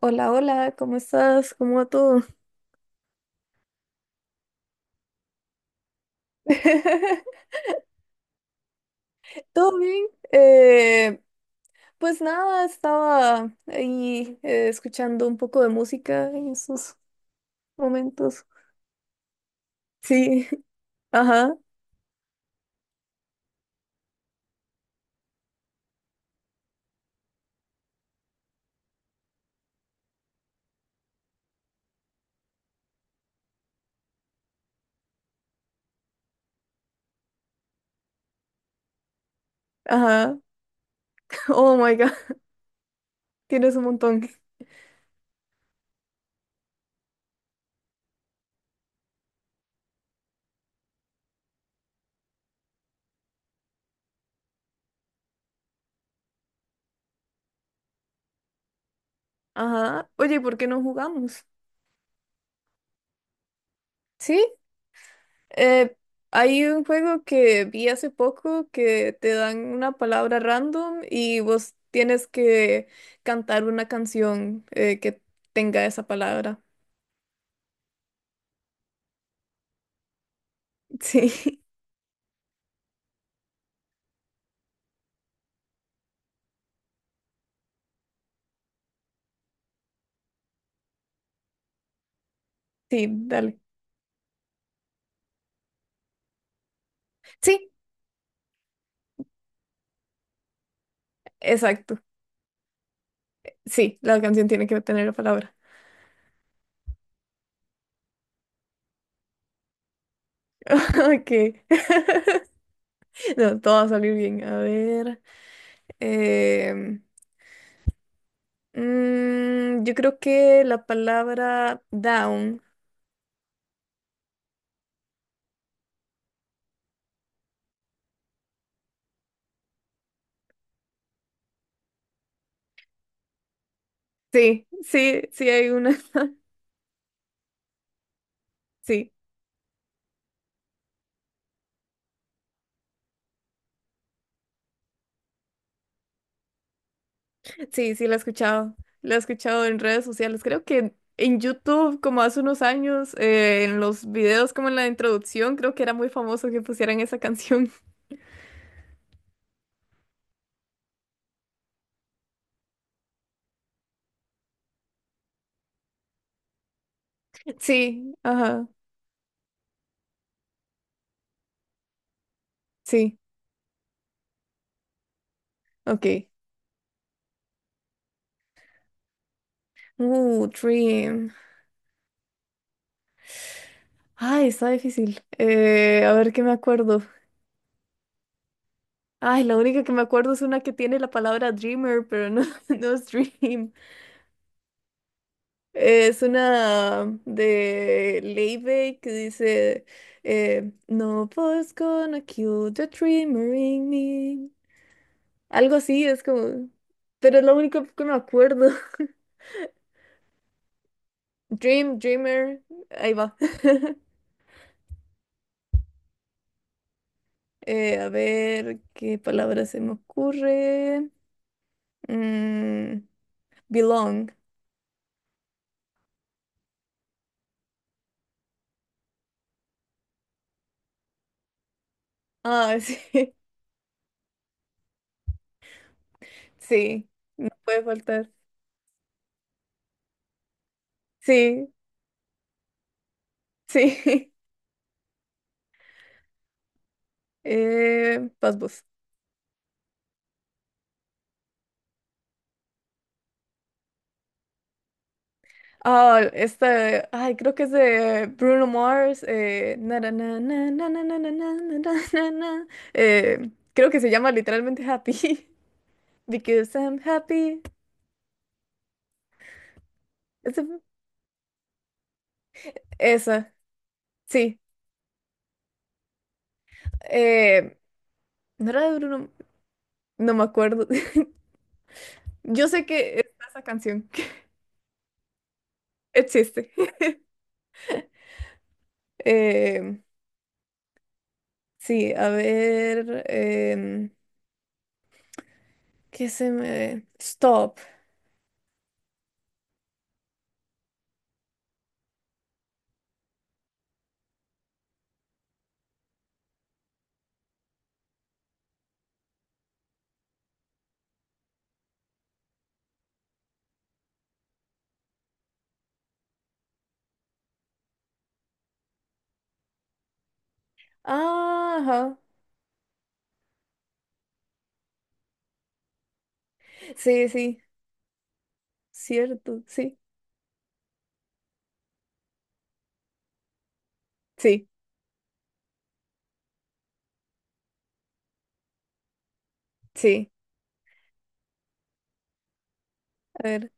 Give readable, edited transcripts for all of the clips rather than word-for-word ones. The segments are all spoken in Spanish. Hola, hola, ¿cómo estás? ¿Cómo va todo? ¿Todo bien? Eh, pues nada, estaba ahí escuchando un poco de música en esos momentos. Sí, ajá, ajá. Oh my God, tienes un montón. Ajá. Oye, ¿por qué no jugamos? Sí, eh, hay un juego que vi hace poco que te dan una palabra random y vos tienes que cantar una canción que tenga esa palabra. Sí, sí, dale. Sí, exacto. Sí, la canción tiene que tener la palabra. Ok, no, todo va a salir bien. A ver. em, yo creo que la palabra down. Sí, sí, sí hay una. Sí, sí, sí la he escuchado. La he escuchado en redes sociales. Creo que en YouTube, como hace unos años, en los videos, como en la introducción, creo que era muy famoso que pusieran esa canción. Sí, ajá, sí, ok. Dream. Ay, está difícil. A ver qué me acuerdo. Ay, la única que me acuerdo es una que tiene la palabra Dreamer, pero no, no es Dream. Es una de Leibey que dice: No one's gonna kill the dreamer in me. Algo así, es como. Pero es lo único que me acuerdo. Dream, Dreamer, ahí va. A ver qué palabra se me ocurre. Mm. Belong. Ah, sí. Sí. No puede faltar. Sí, sí. Pasbus. Ah, este, ay, creo que es de Bruno Mars. Na, na, na, na, na, na, na, na, na, na, na, na, na. Creo que se llama literalmente Happy. Because I'm happy. Ese- fue- Esa, sí. Eh, ¿No era de Bruno? No me acuerdo. Yo sé que está esa canción. Existe. Eh, Sí, a ver, ¿qué se me... stop? Ah, ajá. Sí, sí, cierto, sí, sí, sí. A ver.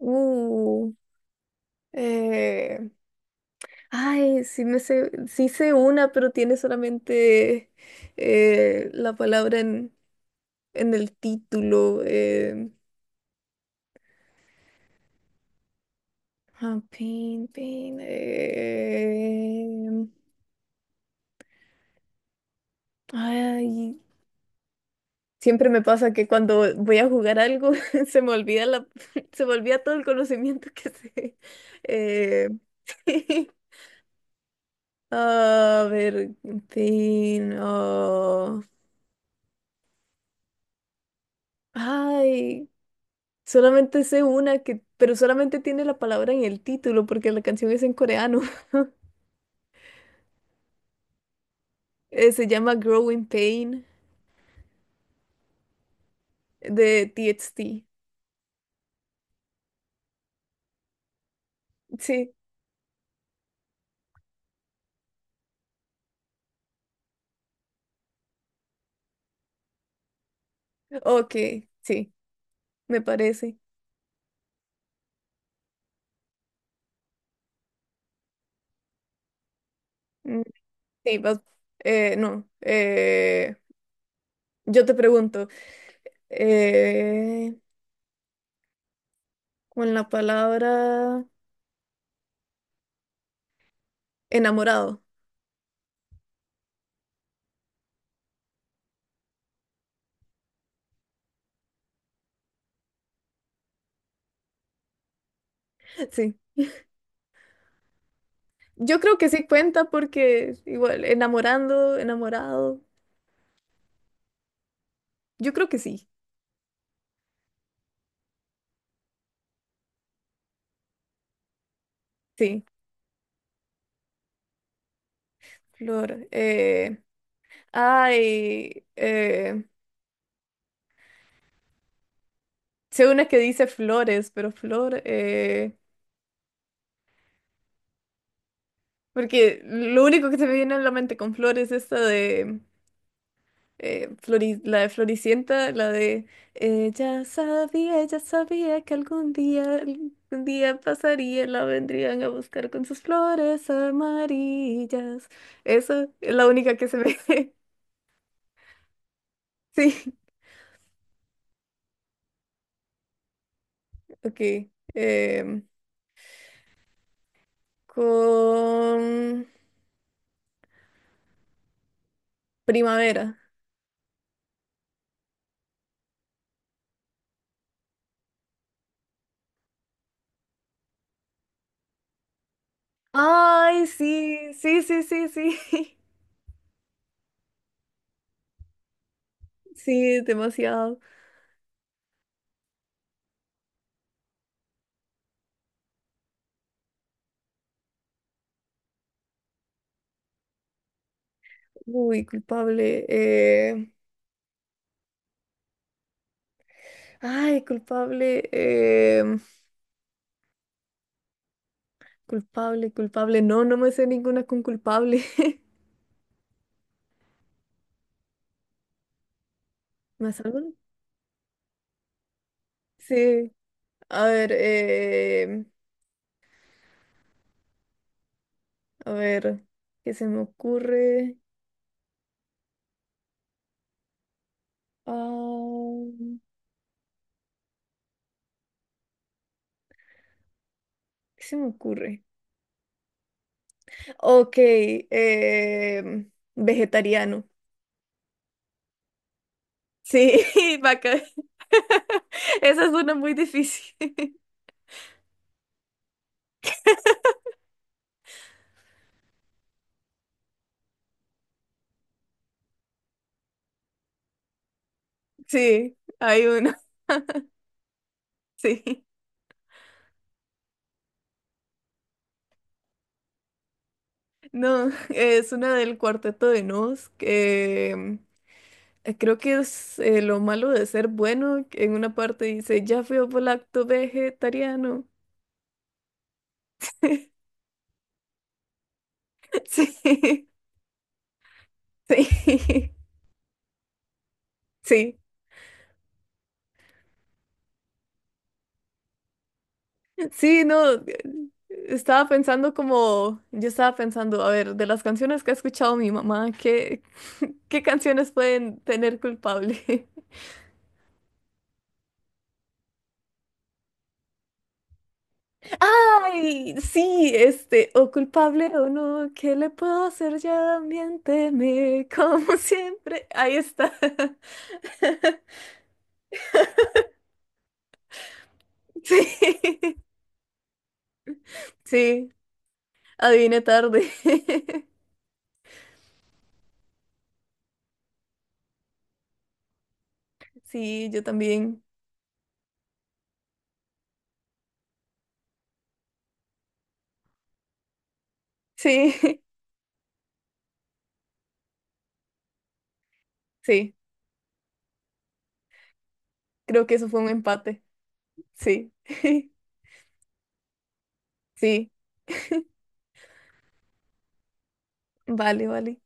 Uh, eh, Ay, sí me sé, sí sé una, pero tiene solamente la palabra en el título. Ah, pin, pin. Ay. Siempre me pasa que cuando voy a jugar algo se me olvida la, se me olvida todo el conocimiento que sé. Eh, A ver, en fin, ah, ay, solamente sé una que, pero solamente tiene la palabra en el título porque la canción es en coreano. Se llama Growing Pain de TXT. Sí, ok, sí, me parece. Mm, sí, no, yo te pregunto. eh, con la palabra enamorado. Sí, yo creo que sí cuenta porque igual, enamorando, enamorado, yo creo que sí, sí, flor. Ay, eh, Sé una que dice flores, pero flor, porque lo único que se me viene a la mente con flores es esta de... la de Floricienta, la de ella sabía que algún día pasaría, la vendrían a buscar con sus flores amarillas. Esa es la única que se ve. Sí, ok. em, con primavera. Ay, sí, sí, sí, sí, sí. Sí, demasiado. Uy, culpable. Ay, culpable. Culpable, culpable. No, no me sé ninguna con culpable. ¿Más alguna? Sí. A ver, eh, a ver, ¿qué se me ocurre? Ah, ¿qué se me ocurre? Ok, vegetariano. Sí, vaca. Esa es una muy difícil. Sí, hay una, sí. No, es una del cuarteto de Nos, que creo que es lo malo de ser bueno, que en una parte dice, ya fui lacto vegetariano. Sí. Sí, sí, sí, no. Estaba pensando como, yo estaba pensando, a ver, de las canciones que ha escuchado mi mamá, ¿qué canciones pueden tener culpable? Ay, sí, este, o culpable o no, ¿qué le puedo hacer? Ya también teme, como siempre. Ahí está. Sí, sí, adiviné tarde. Sí, yo también. Sí, sí, creo que eso fue un empate. Sí, sí, vale, vale.